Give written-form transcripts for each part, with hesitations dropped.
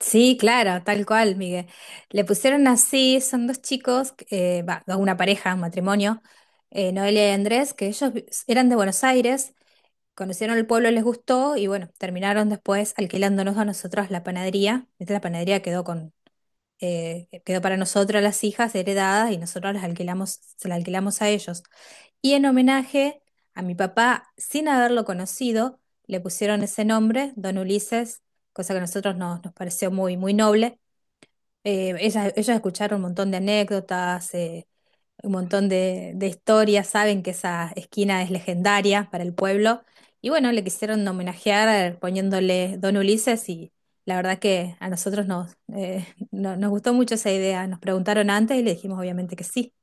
Sí, claro, tal cual, Miguel. Le pusieron así, son dos chicos, dos- una pareja, un matrimonio, Noelia y Andrés, que ellos vi- eran de Buenos Aires, conocieron el pueblo, les gustó y bueno, terminaron después alquilándonos a nosotros la panadería. Esta la panadería quedó con, quedó para nosotros las hijas heredadas y nosotros las alquilamos, se la alquilamos a ellos. Y en homenaje a mi papá, sin haberlo conocido, le pusieron ese nombre, Don Ulises, cosa que a nosotros nos pareció muy, muy noble. Ellos escucharon un montón de anécdotas, un montón de historias, saben que esa esquina es legendaria para el pueblo. Y bueno, le quisieron homenajear poniéndole Don Ulises y la verdad que a nosotros nos, no- nos gustó mucho esa idea. Nos preguntaron antes y le dijimos obviamente que sí.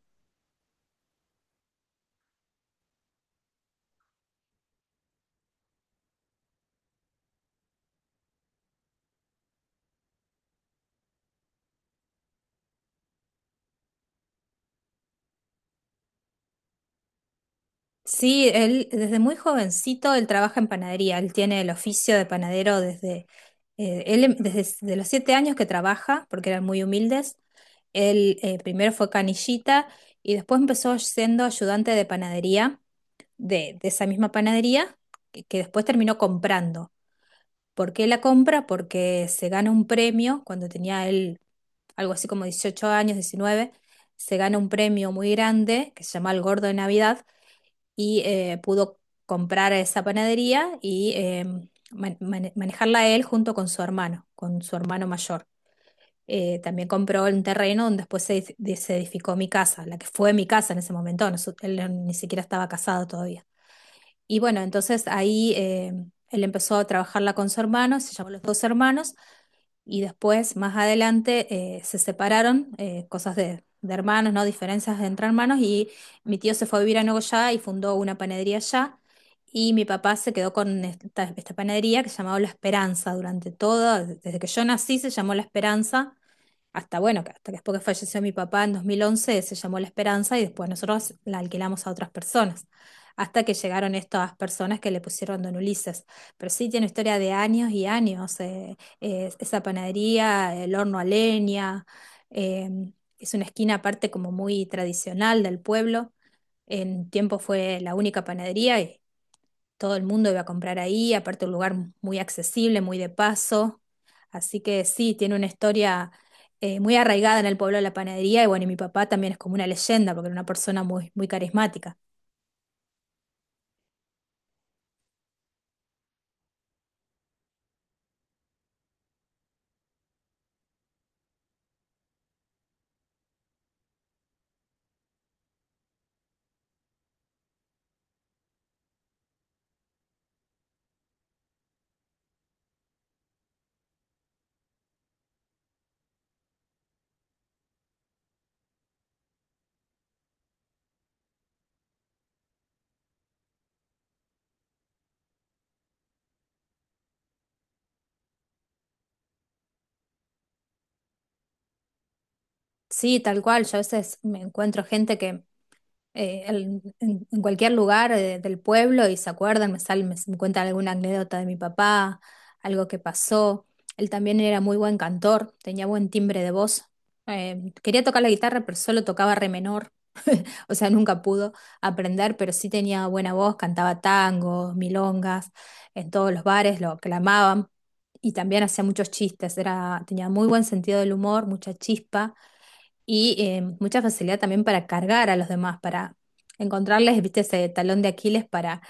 Sí, él desde muy jovencito él trabaja en panadería, él tiene el oficio de panadero desde, desde, s- de los 7 años que trabaja, porque eran muy humildes, él primero fue canillita y después empezó siendo ayudante de panadería, de esa misma panadería, que después terminó comprando. ¿Por qué la compra? Porque se gana un premio, cuando tenía él algo así como 18 años, 19, se gana un premio muy grande que se llama El Gordo de Navidad y pudo comprar esa panadería y manejarla él junto con su hermano mayor. También compró un terreno donde después se edificó mi casa, la que fue mi casa en ese momento, no su- él no- ni siquiera estaba casado todavía. Y bueno, entonces ahí él empezó a trabajarla con su hermano, se llamó Los Dos Hermanos. Y después, más adelante, se separaron, cosas de hermanos, ¿no? Diferencias entre hermanos. Y mi tío se fue a vivir a Nogoyá y fundó una panadería allá. Y mi papá se quedó con esta panadería que se llamaba La Esperanza durante todo, desde que yo nací se llamó La Esperanza hasta bueno, que hasta que después que falleció mi papá en 2011, se llamó La Esperanza y después nosotros la alquilamos a otras personas, hasta que llegaron estas personas que le pusieron Don Ulises. Pero sí tiene historia de años y años, esa panadería, el horno a leña, eh, es una esquina aparte como muy tradicional del pueblo. En tiempo fue la única panadería y todo el mundo iba a comprar ahí, aparte un lugar muy accesible, muy de paso. Así que sí, tiene una historia muy arraigada en el pueblo de la panadería y bueno, y mi papá también es como una leyenda porque era una persona muy, muy carismática. Sí, tal cual, yo a veces me encuentro gente que en cualquier lugar del pueblo y se acuerdan, me salen, me cuentan alguna anécdota de mi papá, algo que pasó. Él también era muy buen cantor, tenía buen timbre de voz. Quería tocar la guitarra, pero solo tocaba re menor. O sea, nunca pudo aprender, pero sí tenía buena voz, cantaba tangos, milongas, en todos los bares lo aclamaban y también hacía muchos chistes, era, tenía muy buen sentido del humor, mucha chispa y mucha facilidad también para cargar a los demás, para encontrarles, viste, ese talón de Aquiles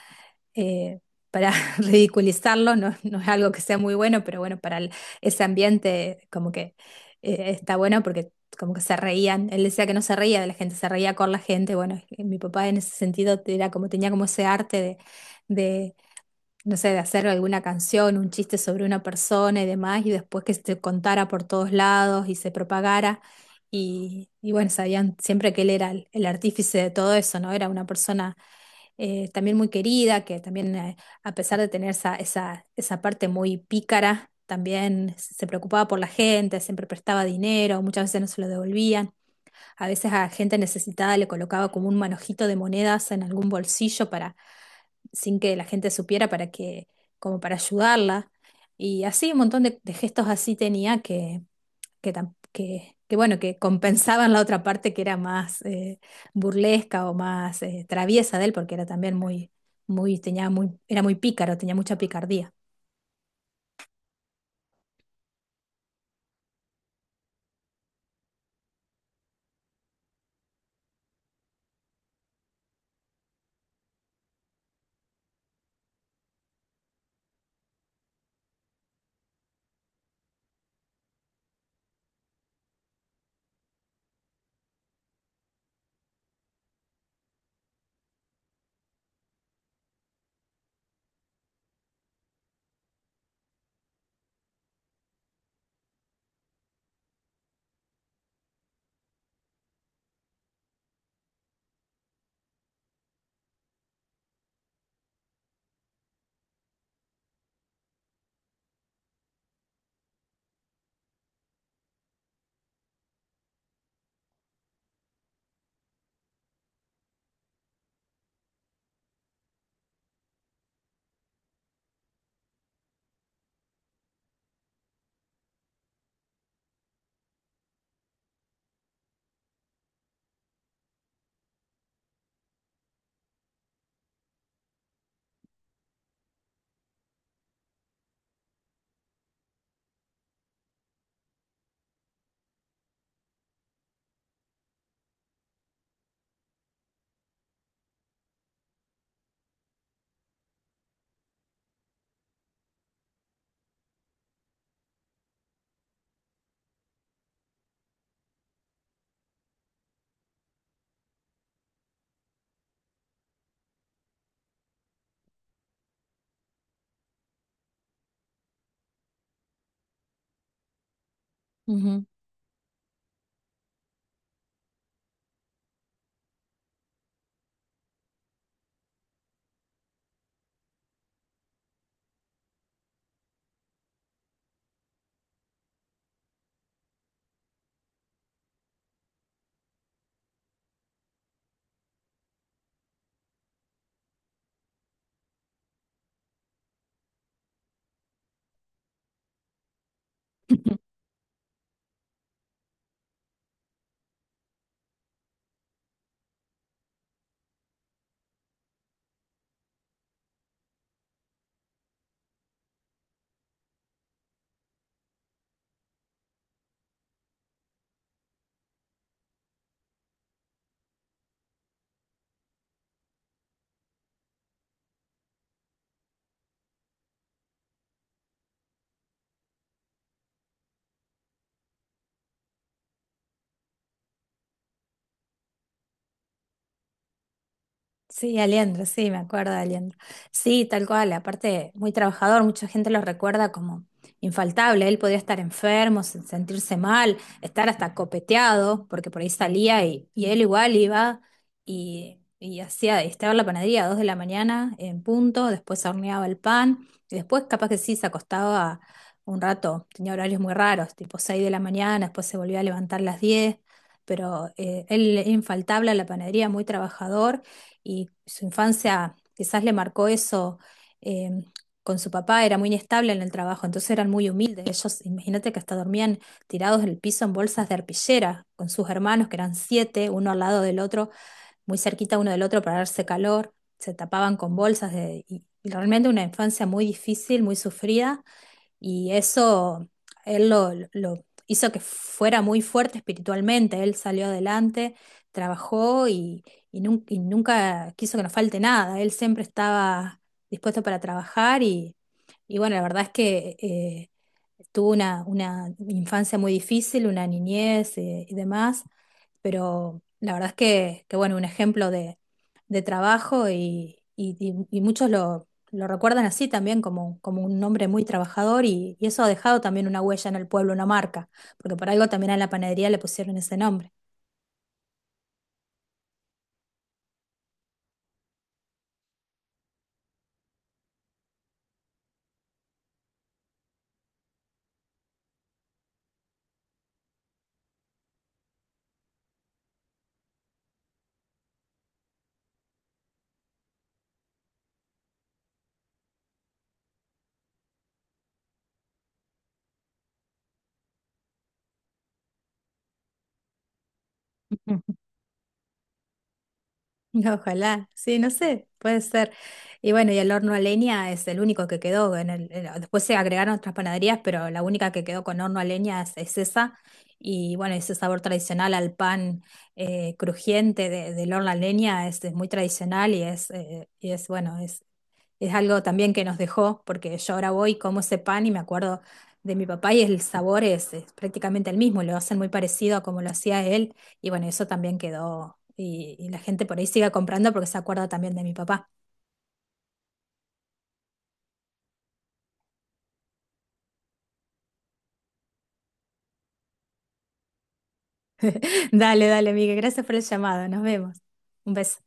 eh, para ridiculizarlo, no, no es algo que sea muy bueno, pero bueno, para el- ese ambiente como que está bueno porque como que se reían, él decía que no se reía de la gente, se reía con la gente, bueno, mi papá en ese sentido era como, tenía como ese arte de no sé, de hacer alguna canción, un chiste sobre una persona y demás, y después que se contara por todos lados y se propagara. Y bueno, sabían siempre que él era el artífice de todo eso, ¿no? Era una persona también muy querida, que también, a pesar de tener esa parte muy pícara, también se preocupaba por la gente, siempre prestaba dinero, muchas veces no se lo devolvían. A veces a gente necesitada le colocaba como un manojito de monedas en algún bolsillo para sin que la gente supiera para que, como para ayudarla. Y así un montón de gestos así tenía que, bueno, que compensaban la otra parte que era más burlesca o más traviesa de él, porque era también era muy pícaro, tenía mucha picardía. Ujú. Sí, Aliendro, sí, me acuerdo de Aliendro. Sí, tal cual, aparte muy trabajador, mucha gente lo recuerda como infaltable, él podía estar enfermo, se- sentirse mal, estar hasta copeteado, porque por ahí salía y él igual iba y estaba en la panadería a 2 de la mañana en punto, después horneaba el pan y después capaz que sí, se acostaba un rato, tenía horarios muy raros, tipo 6 de la mañana, después se volvía a levantar a las 10, pero él infaltable a la panadería, muy trabajador y su infancia quizás le marcó eso. eh, con su papá era muy inestable en el trabajo, entonces eran muy humildes. Ellos, imagínate que hasta dormían tirados en el piso en bolsas de arpillera, con sus hermanos, que eran 7, uno al lado del otro, muy cerquita uno del otro para darse calor. Se tapaban con bolsas y realmente una infancia muy difícil, muy sufrida. Y eso lo hizo que fuera muy fuerte espiritualmente. Él salió adelante, trabajó y nunca quiso que nos falte nada. Él siempre estaba dispuesto para trabajar y bueno, la verdad es que tuvo una infancia muy difícil, una niñez y demás, pero la verdad es que bueno, un ejemplo de trabajo y muchos lo recuerdan así también como, como un hombre muy trabajador y eso ha dejado también una huella en el pueblo, una marca, porque por algo también a la panadería le pusieron ese nombre. Ojalá, sí, no sé, puede ser. Y bueno, y el horno a leña es el único que quedó. Después se agregaron otras panaderías, pero la única que quedó con horno a leña es esa. Y bueno, ese sabor tradicional al pan crujiente de- del horno a leña es muy tradicional y es bueno, es algo también que nos dejó, porque yo ahora voy, como ese pan y me acuerdo de mi papá y el sabor es prácticamente el mismo, lo hacen muy parecido a como lo hacía él y bueno, eso también quedó y la gente por ahí sigue comprando porque se acuerda también de mi papá. Dale, dale, Miguel, gracias por el llamado, nos vemos. Un beso.